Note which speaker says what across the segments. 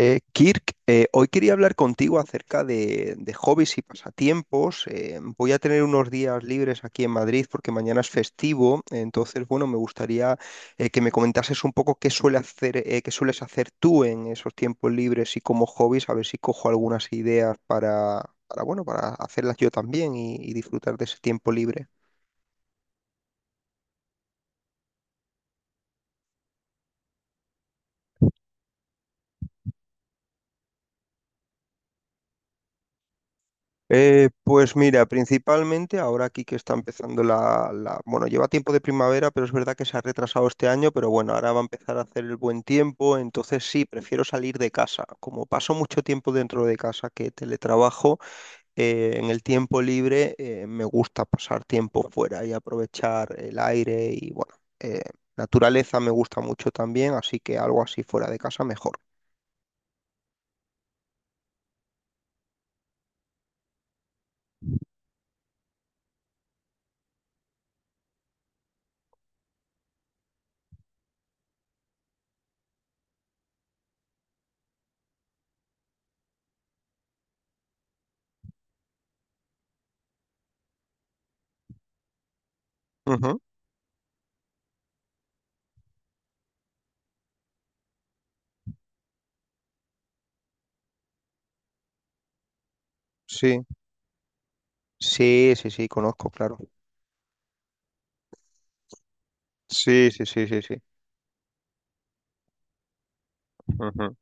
Speaker 1: Kirk, hoy quería hablar contigo acerca de hobbies y pasatiempos. Voy a tener unos días libres aquí en Madrid porque mañana es festivo. Entonces, bueno, me gustaría que me comentases un poco qué sueles hacer tú en esos tiempos libres y como hobbies, a ver si cojo algunas ideas bueno, para hacerlas yo también y disfrutar de ese tiempo libre. Pues mira, principalmente ahora aquí que está empezando bueno, lleva tiempo de primavera, pero es verdad que se ha retrasado este año, pero bueno, ahora va a empezar a hacer el buen tiempo, entonces sí, prefiero salir de casa. Como paso mucho tiempo dentro de casa que teletrabajo, en el tiempo libre me gusta pasar tiempo fuera y aprovechar el aire y bueno, eh, naturaleza me gusta mucho también, así que algo así fuera de casa mejor. Ujú. Sí, sí, sí, sí, conozco, claro. Sí, sí, sí, sí, sí. Ujú.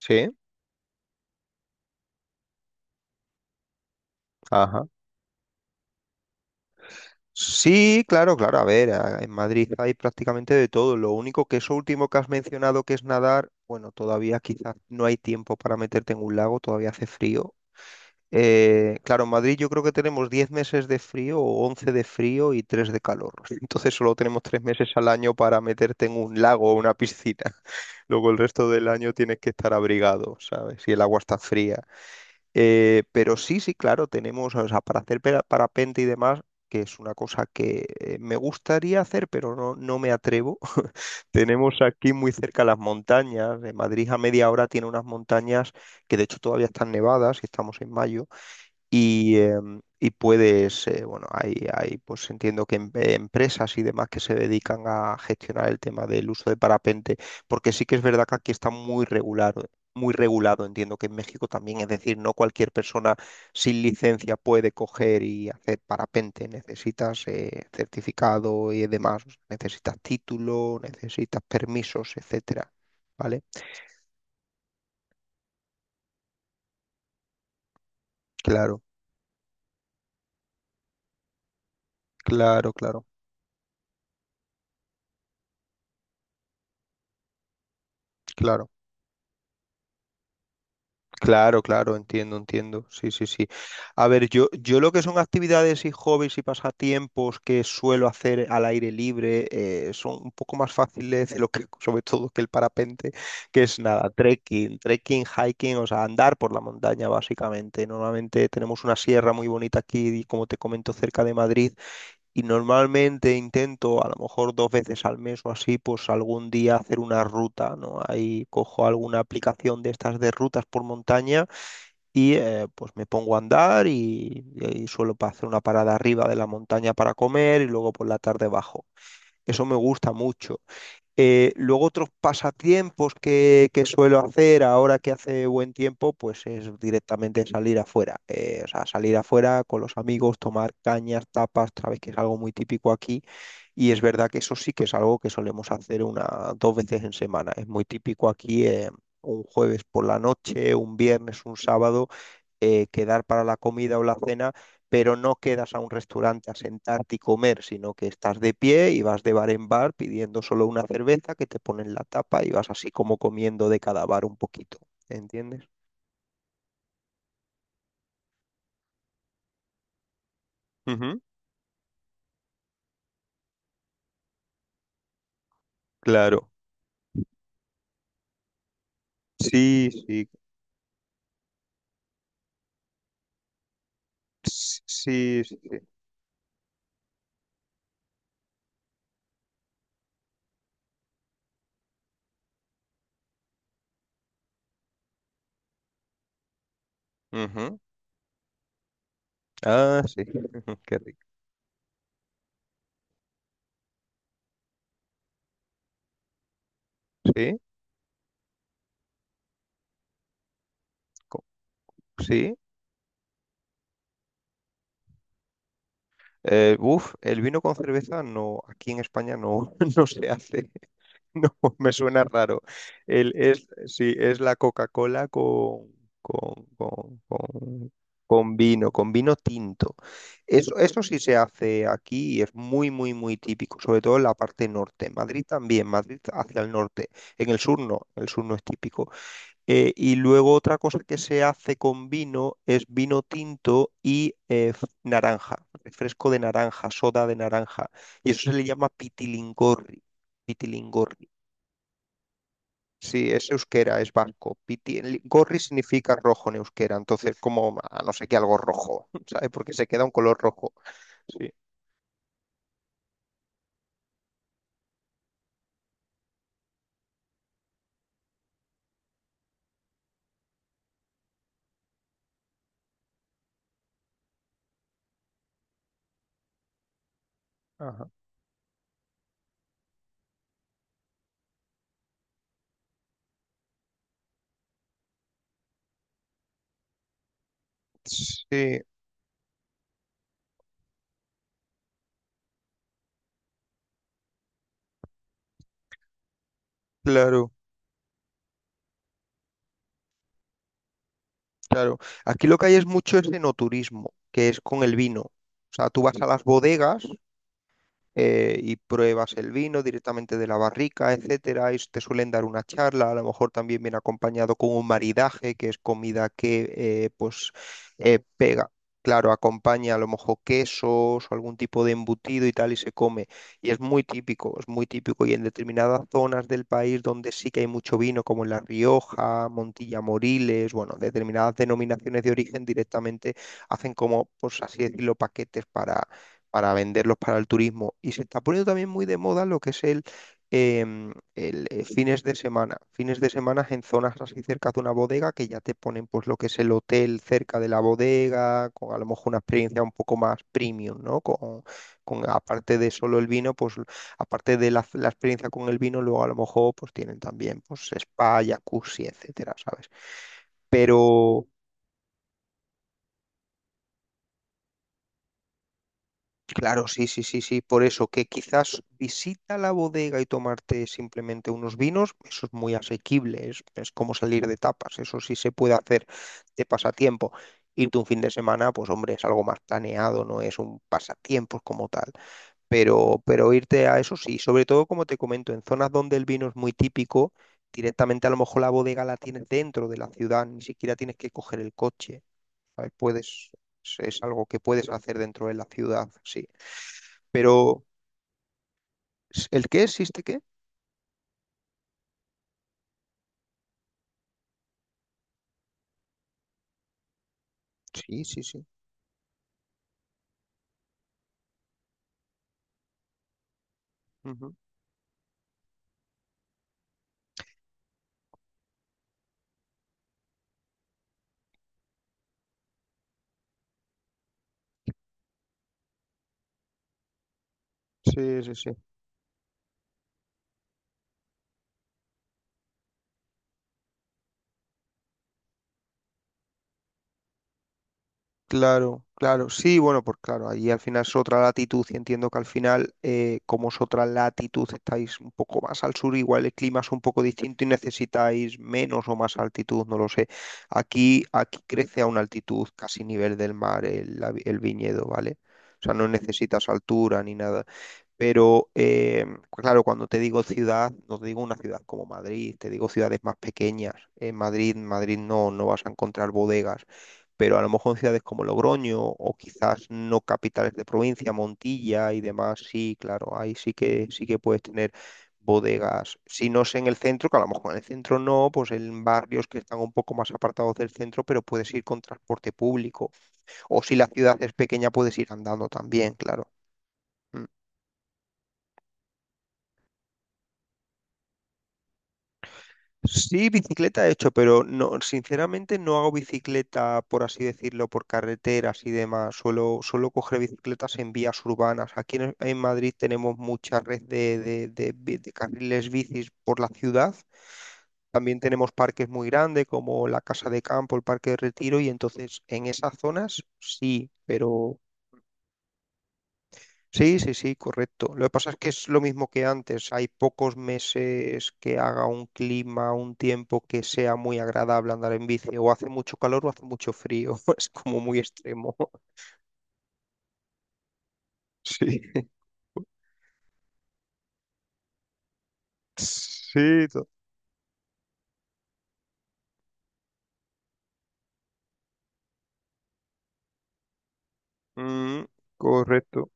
Speaker 1: Sí, ajá. Sí, claro, claro. A ver, en Madrid hay prácticamente de todo. Lo único que eso último que has mencionado, que es nadar, bueno, todavía quizás no hay tiempo para meterte en un lago, todavía hace frío. Claro, en Madrid yo creo que tenemos 10 meses de frío o 11 de frío y 3 de calor. Entonces solo tenemos 3 meses al año para meterte en un lago o una piscina. Luego el resto del año tienes que estar abrigado, ¿sabes? Y el agua está fría. Pero sí, sí, claro, tenemos, o sea, para hacer parapente y demás, que es una cosa que me gustaría hacer, pero no, no me atrevo. Tenemos aquí muy cerca las montañas. De Madrid a media hora tiene unas montañas que de hecho todavía están nevadas y estamos en mayo y puedes, bueno, pues entiendo que empresas y demás que se dedican a gestionar el tema del uso de parapente, porque sí que es verdad que aquí está muy regulado, entiendo que en México también, es decir, no cualquier persona sin licencia puede coger y hacer parapente, necesitas certificado y demás, necesitas título, necesitas permisos, etcétera, ¿vale? Claro, claro, claro, claro. Claro, claro, entiendo, entiendo. Sí, sí, sí. A ver, yo lo que son actividades y hobbies y pasatiempos que suelo hacer al aire libre, son un poco más fáciles de lo que, sobre todo que el parapente, que es nada, hiking, o sea, andar por la montaña básicamente. Normalmente tenemos una sierra muy bonita aquí, como te comento, cerca de Madrid, y normalmente intento, a lo mejor 2 veces al mes o así, pues algún día hacer una ruta, ¿no? Ahí cojo alguna aplicación de estas de rutas por montaña y pues me pongo a andar y suelo hacer una parada arriba de la montaña para comer y luego por la tarde bajo. Eso me gusta mucho. Luego otros pasatiempos que suelo hacer ahora que hace buen tiempo, pues es directamente salir afuera. O sea, salir afuera con los amigos, tomar cañas, tapas, sabes que es algo muy típico aquí. Y es verdad que eso sí que es algo que solemos hacer 1, 2 veces en semana. Es muy típico aquí, un jueves por la noche, un viernes, un sábado, quedar para la comida o la cena, pero no quedas a un restaurante a sentarte y comer, sino que estás de pie y vas de bar en bar pidiendo solo una cerveza que te ponen la tapa y vas así como comiendo de cada bar un poquito. ¿Entiendes? Ujú. Claro. Sí, sí, sí. Sí. Ujú. Ah, sí. Ujú. Qué rico. Sí, co- sí. Uf, el vino con cerveza no, aquí en España no, no se hace. No, me suena raro. Sí, es la Coca-Cola con, con, con- con vino tinto. Eso sí se hace aquí y es muy, muy, muy típico, sobre todo en la parte norte. Madrid también, Madrid hacia el norte. En el sur no es típico. Y luego otra cosa que se hace con vino es vino tinto y naranja, refresco de naranja, soda de naranja. Y eso se le llama pitilingorri. Pitilingorri. Sí, es euskera, es vasco. Gorri significa rojo en euskera, entonces como a no sé qué algo rojo, ¿sabes? Porque se queda un color rojo. Sí. Ajá. Sí, claro, claro. Aquí lo que hay es mucho es enoturismo, que es con el vino. O sea, tú vas a las bodegas, y pruebas el vino directamente de la barrica, etcétera. Y te suelen dar una charla, a lo mejor también viene acompañado con un maridaje, que es comida que pues pega. Claro, acompaña a lo mejor quesos o algún tipo de embutido y tal y se come. Y es muy típico, es muy típico. Y en determinadas zonas del país donde sí que hay mucho vino, como en La Rioja, Montilla Moriles, bueno, determinadas denominaciones de origen directamente hacen como, pues así decirlo, paquetes para venderlos para el turismo. Y se está poniendo también muy de moda lo que es fines de semana. Fines de semana en zonas así cerca de una bodega que ya te ponen pues lo que es el hotel cerca de la bodega, con a lo mejor una experiencia un poco más premium, ¿no? Con aparte de solo el vino, pues aparte de la experiencia con el vino, luego a lo mejor pues tienen también pues spa, jacuzzi, etcétera, ¿sabes? Pero claro, sí, sí, sí, sí, por eso que quizás visita la bodega y tomarte simplemente unos vinos, eso es muy asequible, es como salir de tapas, eso sí se puede hacer de pasatiempo. Irte un fin de semana, pues hombre, es algo más planeado, no es un pasatiempo como tal, pero irte a eso sí, sobre todo como te comento, en zonas donde el vino es muy típico, directamente a lo mejor la bodega la tienes dentro de la ciudad, ni siquiera tienes que coger el coche, ¿sabes? Puedes, es algo que puedes hacer dentro de la ciudad, sí. Pero, ¿el qué existe qué? Sí, sí, sí. Ujú. Sí, sí, sí. Claro, claro. Sí, bueno, pues claro, ahí al final es otra latitud y entiendo que al final, como es otra latitud, estáis un poco más al sur, igual el clima es un poco distinto y necesitáis menos o más altitud, no lo sé. Aquí crece a una altitud casi nivel del mar el viñedo, ¿vale? O sea, no necesitas altura ni nada. Pero claro, cuando te digo ciudad, no te digo una ciudad como Madrid, te digo ciudades más pequeñas. En Madrid, Madrid no, no vas a encontrar bodegas, pero a lo mejor en ciudades como Logroño o quizás no capitales de provincia, Montilla y demás, sí, claro, ahí sí que puedes tener bodegas. Si no es en el centro, que a lo mejor en el centro no, pues en barrios que están un poco más apartados del centro, pero puedes ir con transporte público. O si la ciudad es pequeña, puedes ir andando también, claro. Sí, bicicleta he hecho, pero no, sinceramente no hago bicicleta, por así decirlo, por carreteras y demás. Suelo coger bicicletas en vías urbanas. Aquí en Madrid tenemos mucha red de carriles bicis por la ciudad. También tenemos parques muy grandes como la Casa de Campo, el Parque de Retiro, y entonces en esas zonas sí. Sí, sí, sí, correcto. Lo que pasa es que es lo mismo que antes. Hay pocos meses que haga un clima, un tiempo que sea muy agradable andar en bici. O hace mucho calor o hace mucho frío. Es como muy extremo. Sí. Sí, Mm, correcto.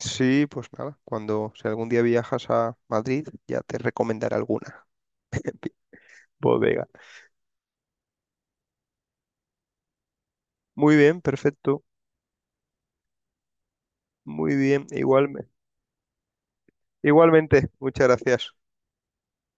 Speaker 1: Sí, pues nada. Si algún día viajas a Madrid, ya te recomendaré alguna bodega. Muy bien, perfecto. Muy bien, igualmente. Muchas gracias.